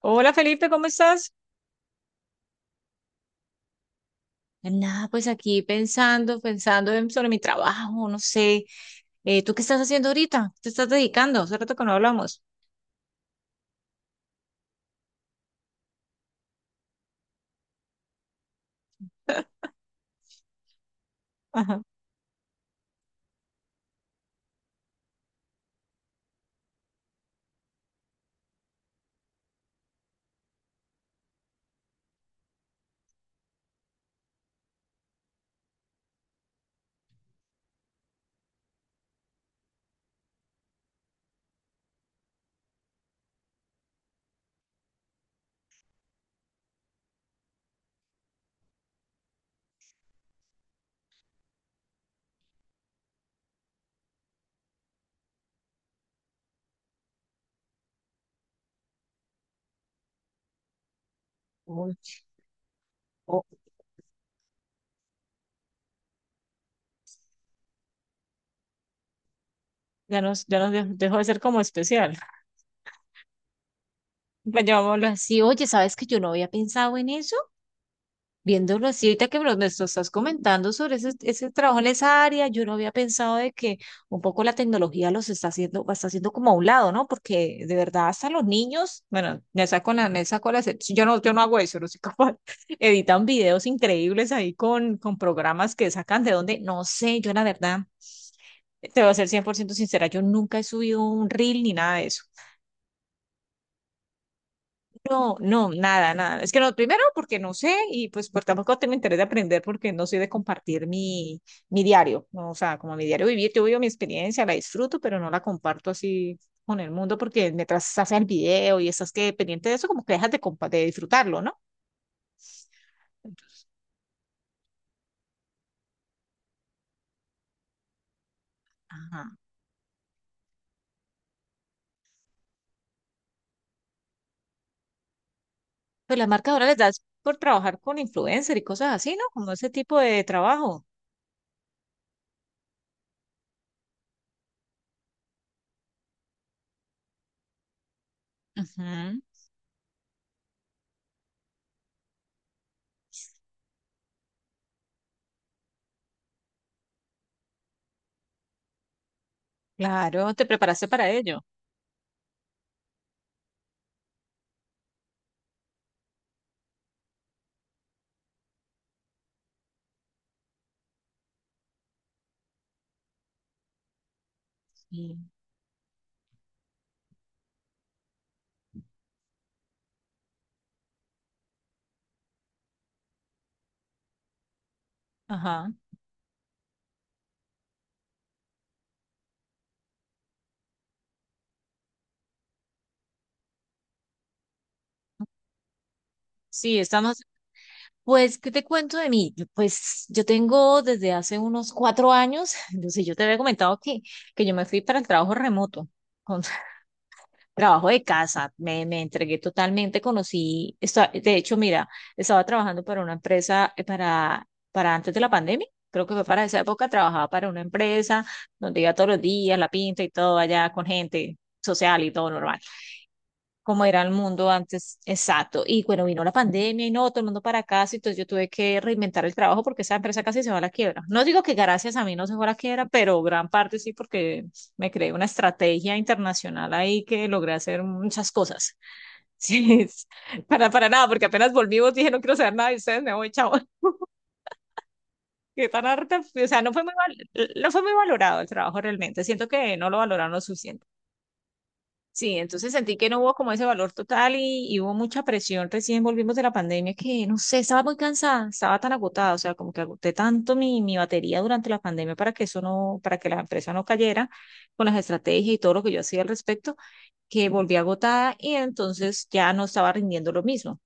Hola Felipe, ¿cómo estás? Nada, pues aquí pensando sobre mi trabajo, no sé. ¿Tú qué estás haciendo ahorita? ¿Te estás dedicando? Hace rato que no hablamos. Ajá. Uy, oh, ya nos dejó de ser como especial. Pues llamémoslo así. Oye, ¿sabes que yo no había pensado en eso? Viéndolo así, ahorita que me lo estás comentando sobre ese trabajo en esa área, yo no había pensado de que un poco la tecnología está haciendo como a un lado, ¿no? Porque de verdad hasta los niños, bueno, me saco la, excep- yo no, yo no hago eso, no soy capaz, editan videos increíbles ahí con programas que sacan de donde, no sé, yo la verdad, te voy a ser 100% sincera, yo nunca he subido un reel ni nada de eso. No, no, nada, nada. Es que no, primero porque no sé y pues por tampoco tengo interés de aprender porque no soy de compartir mi diario, ¿no? O sea, como mi diario vivir, yo vivo mi experiencia, la disfruto, pero no la comparto así con el mundo porque mientras haces el video y estás que pendiente de eso, como que dejas de, de disfrutarlo, ¿no? Entonces, ajá. Pues las marcas ahora les das por trabajar con influencer y cosas así, ¿no? Como ese tipo de trabajo. Ujú. Claro, te preparaste para ello. Sí. Ajá. Sí. estamos Pues, ¿qué te cuento de mí? Pues yo tengo desde hace unos 4 años, no sé, yo te había comentado que yo me fui para el trabajo remoto, con trabajo de casa, me entregué totalmente, conocí, de hecho, mira, estaba trabajando para una empresa, para antes de la pandemia, creo que fue para esa época, trabajaba para una empresa donde iba todos los días, la pinta y todo allá con gente social y todo normal como era el mundo antes, exacto. Y bueno, vino la pandemia y no, todo el mundo para casa, entonces yo tuve que reinventar el trabajo porque esa empresa casi se va a la quiebra. No digo que gracias a mí no se fue a la quiebra, pero gran parte sí porque me creé una estrategia internacional ahí que logré hacer muchas cosas. Sí, para nada, porque apenas volvimos dije, no quiero saber nada de ustedes, me voy, chao. Que tan harta, o sea, no fue muy valorado el trabajo realmente. Siento que no lo valoraron lo suficiente. Sí, entonces sentí que no hubo como ese valor total y hubo mucha presión. Recién volvimos de la pandemia que, no sé, estaba muy cansada, estaba tan agotada, o sea, como que agoté tanto mi batería durante la pandemia para que la empresa no cayera con las estrategias y todo lo que yo hacía al respecto, que volví agotada y entonces ya no estaba rindiendo lo mismo.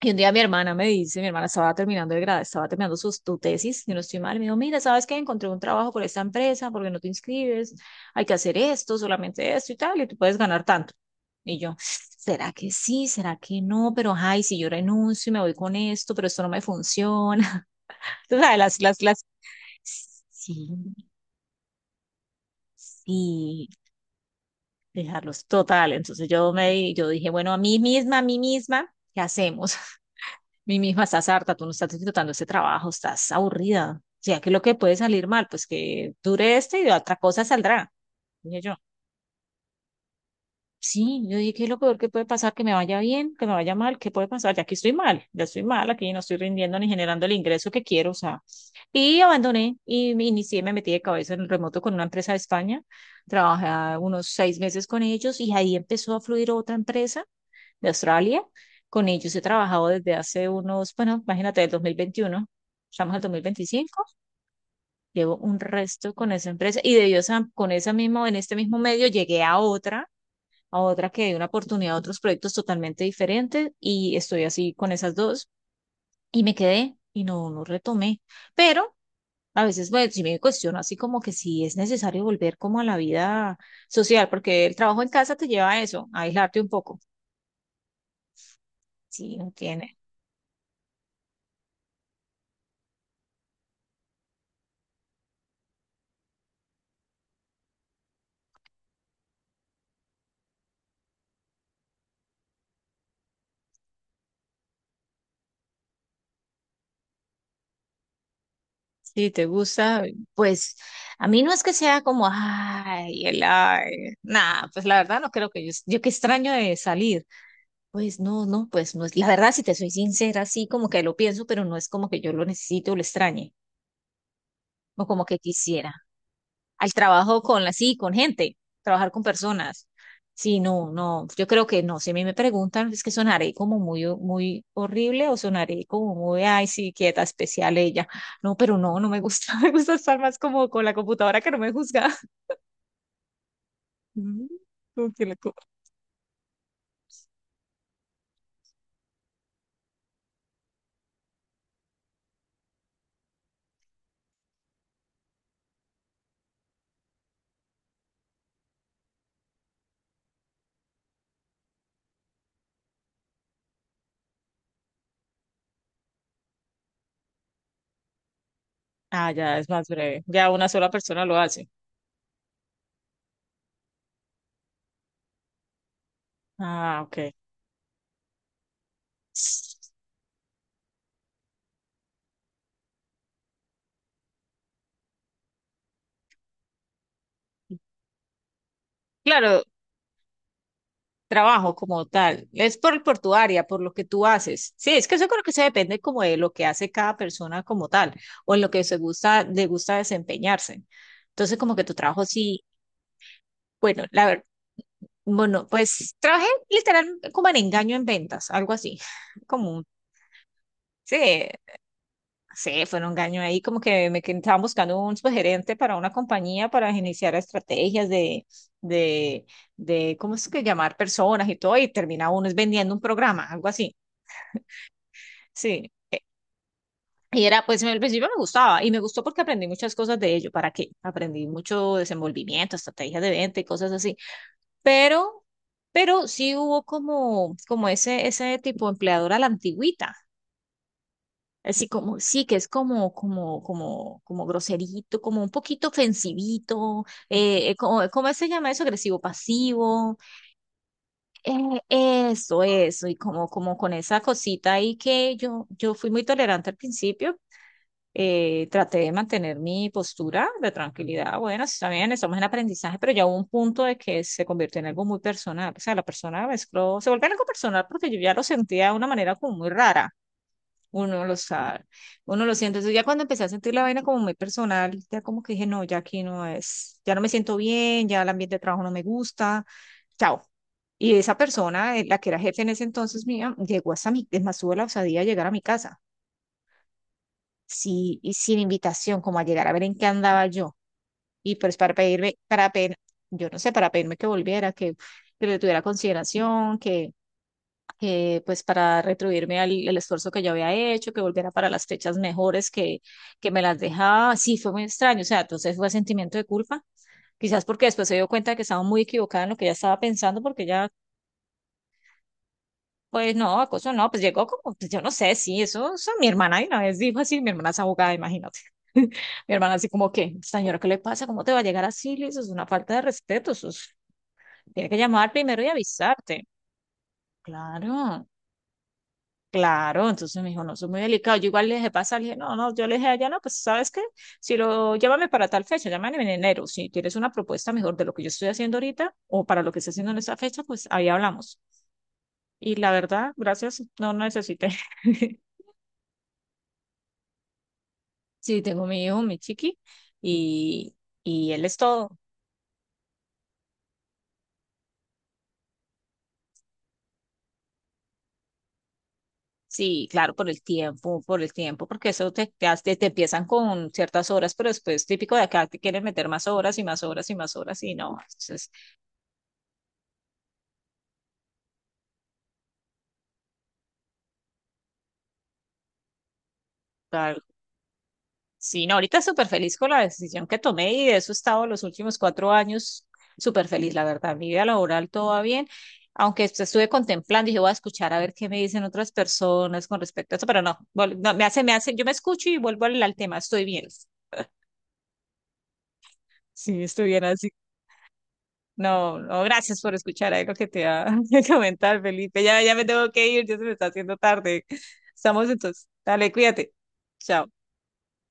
Y un día mi hermana me dice, mi hermana estaba terminando de grado, estaba terminando sus, tu tesis, y no estoy mal, me dijo, mira, ¿sabes qué? Encontré un trabajo por esta empresa, porque no te inscribes, hay que hacer esto, solamente esto y tal, y tú puedes ganar tanto. Y yo, ¿será que sí? ¿Será que no? Pero, ay, si yo renuncio y me voy con esto, pero esto no me funciona. Tú sabes, las, sí, sí, dejarlos total. Entonces yo dije, bueno, a mí misma, ¿qué hacemos? Mi hija, estás harta, tú no estás disfrutando este trabajo, estás aburrida. Ya que lo que puede salir mal, pues que dure este y otra cosa saldrá. Dije yo, sí, yo dije, ¿qué es lo peor que puede pasar? Que me vaya bien, que me vaya mal, ¿qué puede pasar? Ya aquí estoy mal, ya estoy mal, aquí no estoy rindiendo ni generando el ingreso que quiero, o sea. Y abandoné y me inicié, me metí de cabeza en el remoto con una empresa de España. Trabajé unos 6 meses con ellos y ahí empezó a fluir otra empresa de Australia. Con ellos he trabajado desde hace unos, bueno, imagínate, del 2021, estamos al 2025, llevo un resto con esa empresa y de ellos con esa misma, en este mismo medio llegué a otra que dio una oportunidad a otros proyectos totalmente diferentes y estoy así con esas dos y me quedé y no, no retomé. Pero a veces, bueno, sí me cuestiono así como que si es necesario volver como a la vida social, porque el trabajo en casa te lleva a eso, a aislarte un poco. Sí, no tiene, si te gusta, pues a mí no es que sea como, ay, nada, pues la verdad no creo que yo qué extraño de salir. Pues no, no, pues no es, la verdad, si te soy sincera, sí, como que lo pienso, pero no es como que yo lo necesite o lo extrañe, o como que quisiera al trabajo con la, sí, con gente, trabajar con personas. Sí, no, no, yo creo que no, si a mí me preguntan, es que sonaré como muy, muy horrible o sonaré como muy, ay, sí, quieta, especial ella. No, pero no, no me gusta, me gusta estar más como con la computadora que no me juzga. Mm, como que la co- Ah, ya es más breve, ya una sola persona lo hace. Ah, ok. Claro, trabajo como tal, es por tu área, por lo que tú haces. Sí, es que yo creo que eso depende como de lo que hace cada persona como tal o en lo que se gusta, le gusta desempeñarse. Entonces, como que tu trabajo sí, bueno, la verdad, bueno, pues trabajé literal como en engaño en ventas, algo así, como un, sí, sí, fue un engaño ahí, como que me que estaban buscando un subgerente para una compañía para iniciar estrategias de, de, ¿cómo es que llamar personas y todo? Y termina uno es vendiendo un programa, algo así. Sí. Y era, pues en el principio me gustaba y me gustó porque aprendí muchas cosas de ello. ¿Para qué? Aprendí mucho desenvolvimiento, estrategias de venta y cosas así. Pero, pero, sí hubo como ese tipo de empleador a la antigüita. Así como, sí, que es como groserito, como un poquito ofensivito, ¿cómo se llama eso? Agresivo pasivo, eh, eso, eso, y como con esa cosita ahí que yo fui muy tolerante al principio, traté de mantener mi postura de tranquilidad. Bueno, está bien, estamos en aprendizaje, pero ya hubo un punto de que se convirtió en algo muy personal. O sea, la persona mezcló, se volvió algo personal porque yo ya lo sentía de una manera como muy rara. Uno lo sabe, uno lo siente. Entonces ya cuando empecé a sentir la vaina como muy personal, ya como que dije, no, ya aquí no es, ya no me siento bien, ya el ambiente de trabajo no me gusta, chao. Y esa persona, la que era jefe en ese entonces mía, llegó hasta mi, es más, tuvo la osadía de llegar a mi casa sí, y sin invitación, como a llegar a ver en qué andaba yo. Y pues para pedirme, para pedir, yo no sé, para pedirme que volviera, que le tuviera consideración, que pues para retribuirme al, el esfuerzo que yo había hecho, que volviera para las fechas mejores que me las dejaba. Sí, fue muy extraño. O sea, entonces fue sentimiento de culpa. Quizás porque después se dio cuenta de que estaba muy equivocada en lo que ella estaba pensando, porque ella pues no, acoso no, pues llegó como, pues yo no sé, sí, eso mi hermana de una vez dijo así, mi hermana es abogada, imagínate. Mi hermana así como que, señora, ¿qué le pasa? ¿Cómo te va a llegar así? Le dice, eso es una falta de respeto, tiene que llamar primero y avisarte. Claro, claro, entonces me dijo, no, eso es muy delicado. Yo igual le dije, pasa, le dije, no, no, yo le dije allá, no, pues ¿sabes qué? Si lo, llámame para tal fecha, llámame en enero, si tienes una propuesta mejor de lo que yo estoy haciendo ahorita o para lo que estoy haciendo en esa fecha, pues ahí hablamos. Y la verdad, gracias, no necesité. Sí, tengo mi hijo, mi chiqui, y, y él es todo. Sí, claro, por el tiempo, porque eso te empiezan con ciertas horas, pero después típico de acá te quieren meter más horas y más horas y más horas y no. Entonces, claro, sí, no, ahorita súper feliz con la decisión que tomé y de eso he estado los últimos 4 años súper feliz, la verdad. Mi vida laboral todo va bien, aunque estuve contemplando, y dije, voy a escuchar a ver qué me dicen otras personas con respecto a eso, pero no, no, me hace, yo me escucho y vuelvo al tema, estoy bien. Si estuviera así. No, no, gracias por escuchar algo que te va a comentar, Felipe. Ya, ya me tengo que ir, ya se me está haciendo tarde. Estamos entonces. Dale, cuídate. Chao.